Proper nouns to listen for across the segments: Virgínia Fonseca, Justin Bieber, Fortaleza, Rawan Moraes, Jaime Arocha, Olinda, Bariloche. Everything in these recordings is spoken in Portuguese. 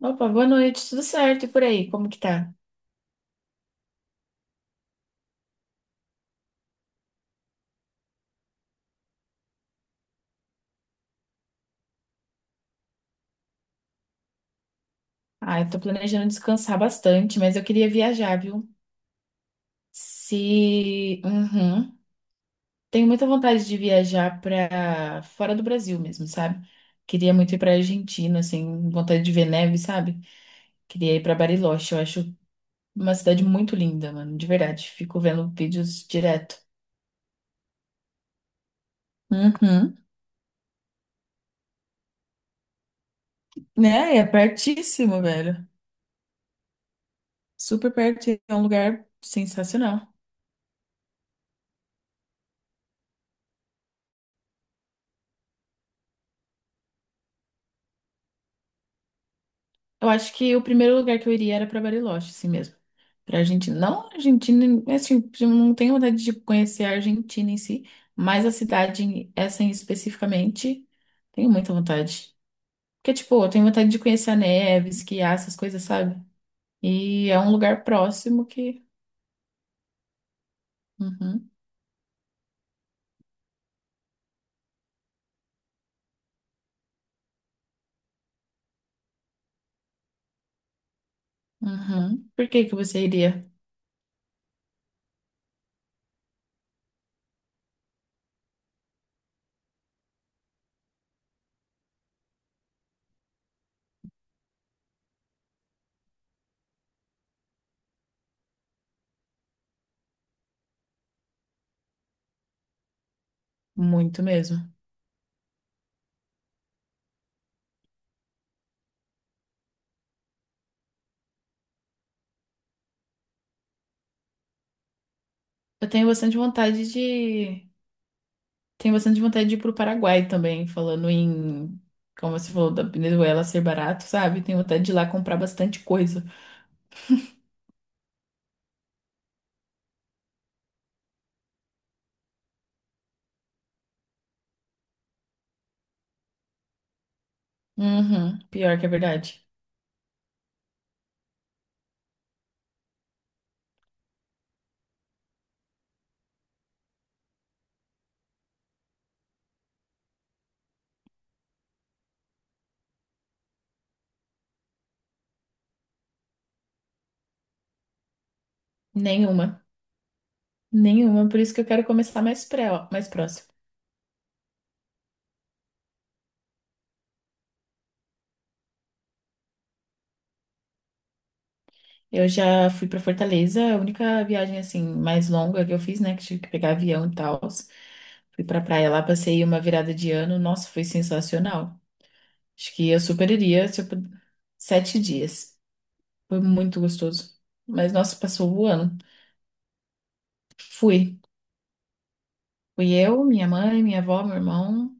Opa, boa noite, tudo certo? E por aí, como que tá? Ah, eu tô planejando descansar bastante, mas eu queria viajar, viu? Se. Uhum. Tenho muita vontade de viajar pra fora do Brasil mesmo, sabe? Queria muito ir pra Argentina, assim, vontade de ver neve, sabe? Queria ir pra Bariloche, eu acho uma cidade muito linda, mano, de verdade. Fico vendo vídeos direto. Uhum. Né? É pertíssimo, velho. Super perto, é um lugar sensacional. Eu acho que o primeiro lugar que eu iria era pra Bariloche, assim mesmo. Pra Argentina. Não Argentina, assim, eu não tenho vontade de conhecer a Argentina em si, mas a cidade, essa em especificamente, tenho muita vontade. Porque, tipo, eu tenho vontade de conhecer a neve, esquiar, essas coisas, sabe? E é um lugar próximo que. Uhum, uhum. Por que que você iria? Muito mesmo. Eu tenho bastante vontade de. Tenho bastante vontade de ir pro Paraguai também, falando em, como você falou, da Venezuela ser barato, sabe? Tenho vontade de ir lá comprar bastante coisa. Uhum, pior que é verdade. Nenhuma. Nenhuma, por isso que eu quero começar mais próximo. Eu já fui pra Fortaleza, a única viagem assim mais longa que eu fiz, né, que tive que pegar avião e tal. Fui pra praia lá, passei uma virada de ano. Nossa, foi sensacional. Acho que eu super iria, tipo, 7 dias. Foi muito gostoso. Mas, nossa, passou voando. Fui. Fui eu, minha mãe, minha avó, meu irmão.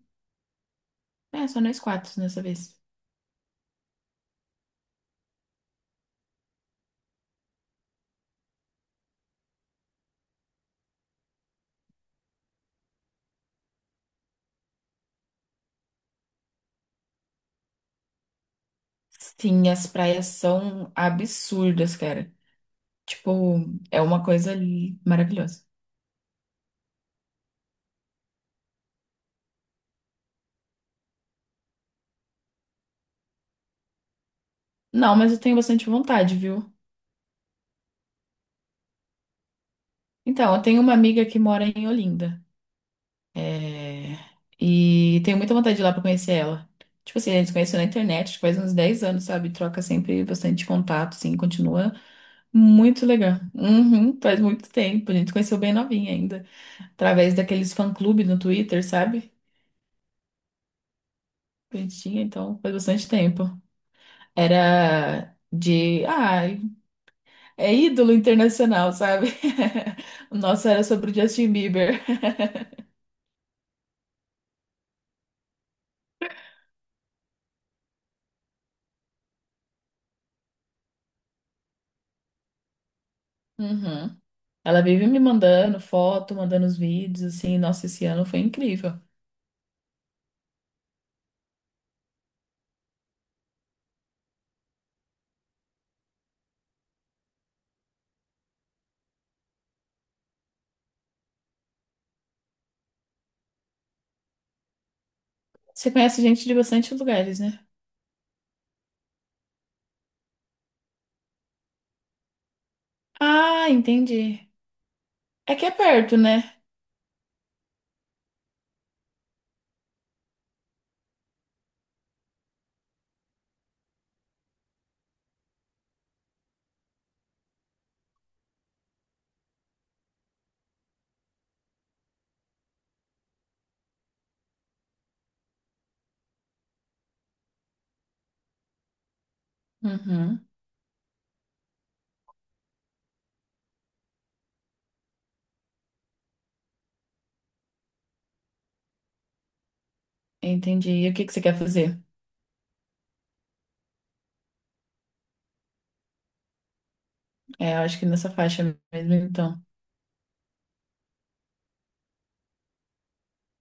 É, só nós quatro dessa vez. Sim, as praias são absurdas, cara. Tipo, é uma coisa maravilhosa. Não, mas eu tenho bastante vontade, viu? Então, eu tenho uma amiga que mora em Olinda. É, e tenho muita vontade de ir lá pra conhecer ela. Tipo assim, a gente se conheceu na internet tipo, faz uns 10 anos, sabe? Troca sempre bastante contato, assim, continua muito legal. Uhum, faz muito tempo. A gente se conheceu bem novinha ainda, através daqueles fã-clube no Twitter, sabe? Que a gente tinha, então faz bastante tempo. Era de. Ai, é ídolo internacional, sabe? O nosso era sobre o Justin Bieber. Uhum. Ela vive me mandando foto, mandando os vídeos, assim. Nossa, esse ano foi incrível. Você conhece gente de bastante lugares, né? Ah, entendi. É que é perto, né? Uhum. Entendi. E o que que você quer fazer? É, eu acho que nessa faixa mesmo, então.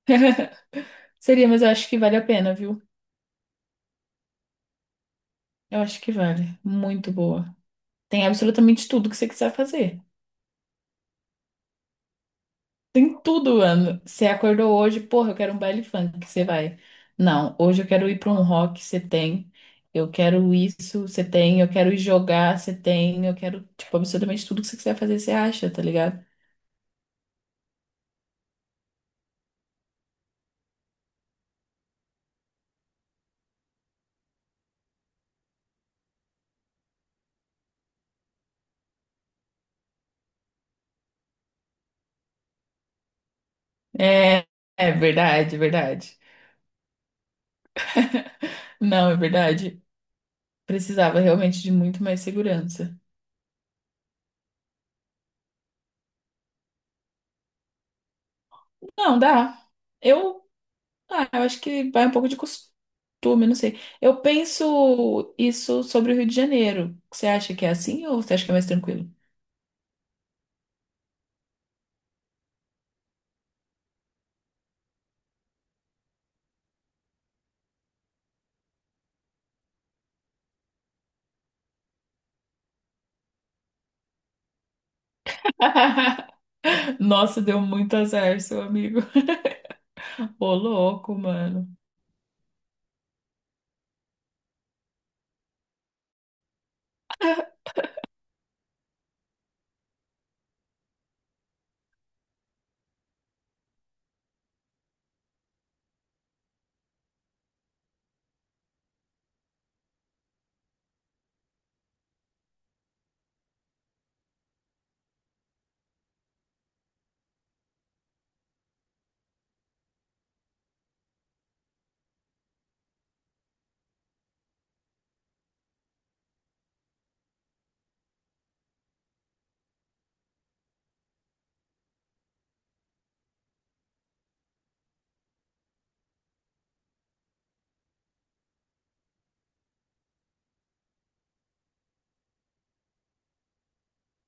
Seria, mas eu acho que vale a pena, viu? Eu acho que vale. Muito boa. Tem absolutamente tudo que você quiser fazer. Tem tudo, mano. Você acordou hoje, porra, eu quero um baile funk, você vai. Não, hoje eu quero ir pra um rock, você tem. Eu quero isso, você tem. Eu quero ir jogar, você tem. Eu quero, tipo, absolutamente tudo que você quiser fazer, você acha, tá ligado? É, é verdade, é verdade. Não, é verdade. Precisava realmente de muito mais segurança. Não, dá. Eu Ah, eu acho que vai um pouco de costume, não sei. Eu penso isso sobre o Rio de Janeiro. Você acha que é assim ou você acha que é mais tranquilo? Nossa, deu muito azar, seu amigo. Ô, louco, mano.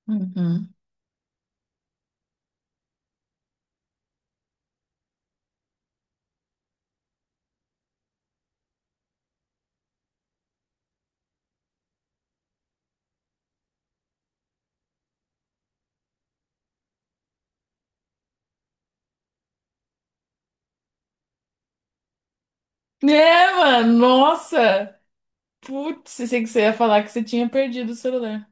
Uhum. É, mano, nossa! Putz, eu sei que você ia falar que você tinha perdido o celular.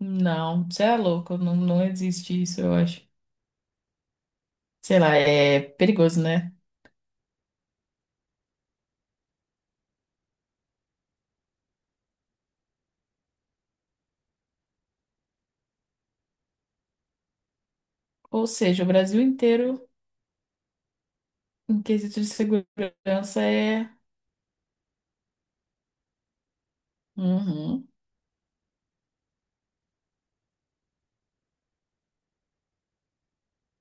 Não, você é louco, não, não existe isso, eu acho. Sei lá, é perigoso, né? Ou seja, o Brasil inteiro, em quesito de segurança, é. Uhum.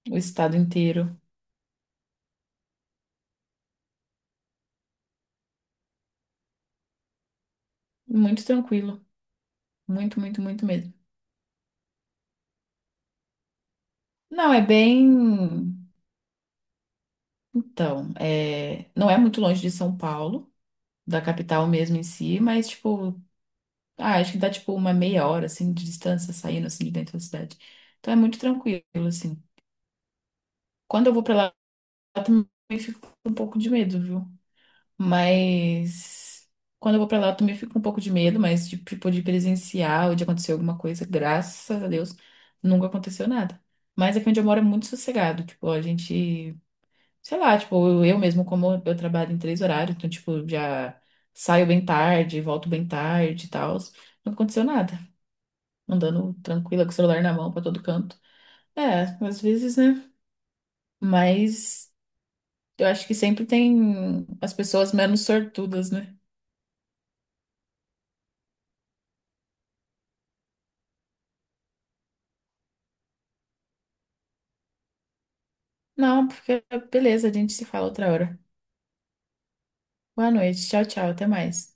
O estado inteiro. Muito tranquilo. Muito, muito, muito mesmo. Não, é bem. Então, não é muito longe de São Paulo, da capital mesmo em si, mas, tipo, ah, acho que dá, tipo, uma meia hora, assim, de distância saindo, assim, de dentro da cidade. Então é muito tranquilo, assim. Quando eu vou pra lá, eu também fico com um pouco de medo, viu? Mas quando eu vou pra lá, eu também fico um pouco de medo, mas de, tipo, de presenciar ou de acontecer alguma coisa, graças a Deus, nunca aconteceu nada. Mas aqui onde eu moro é muito sossegado, tipo, a gente, sei lá, tipo, eu mesmo, como eu trabalho em três horários, então, tipo, já saio bem tarde, volto bem tarde e tal, nunca aconteceu nada. Andando tranquila com o celular na mão pra todo canto. É, às vezes, né? Mas eu acho que sempre tem as pessoas menos sortudas, né? Não, porque beleza, a gente se fala outra hora. Boa noite, tchau, tchau, até mais.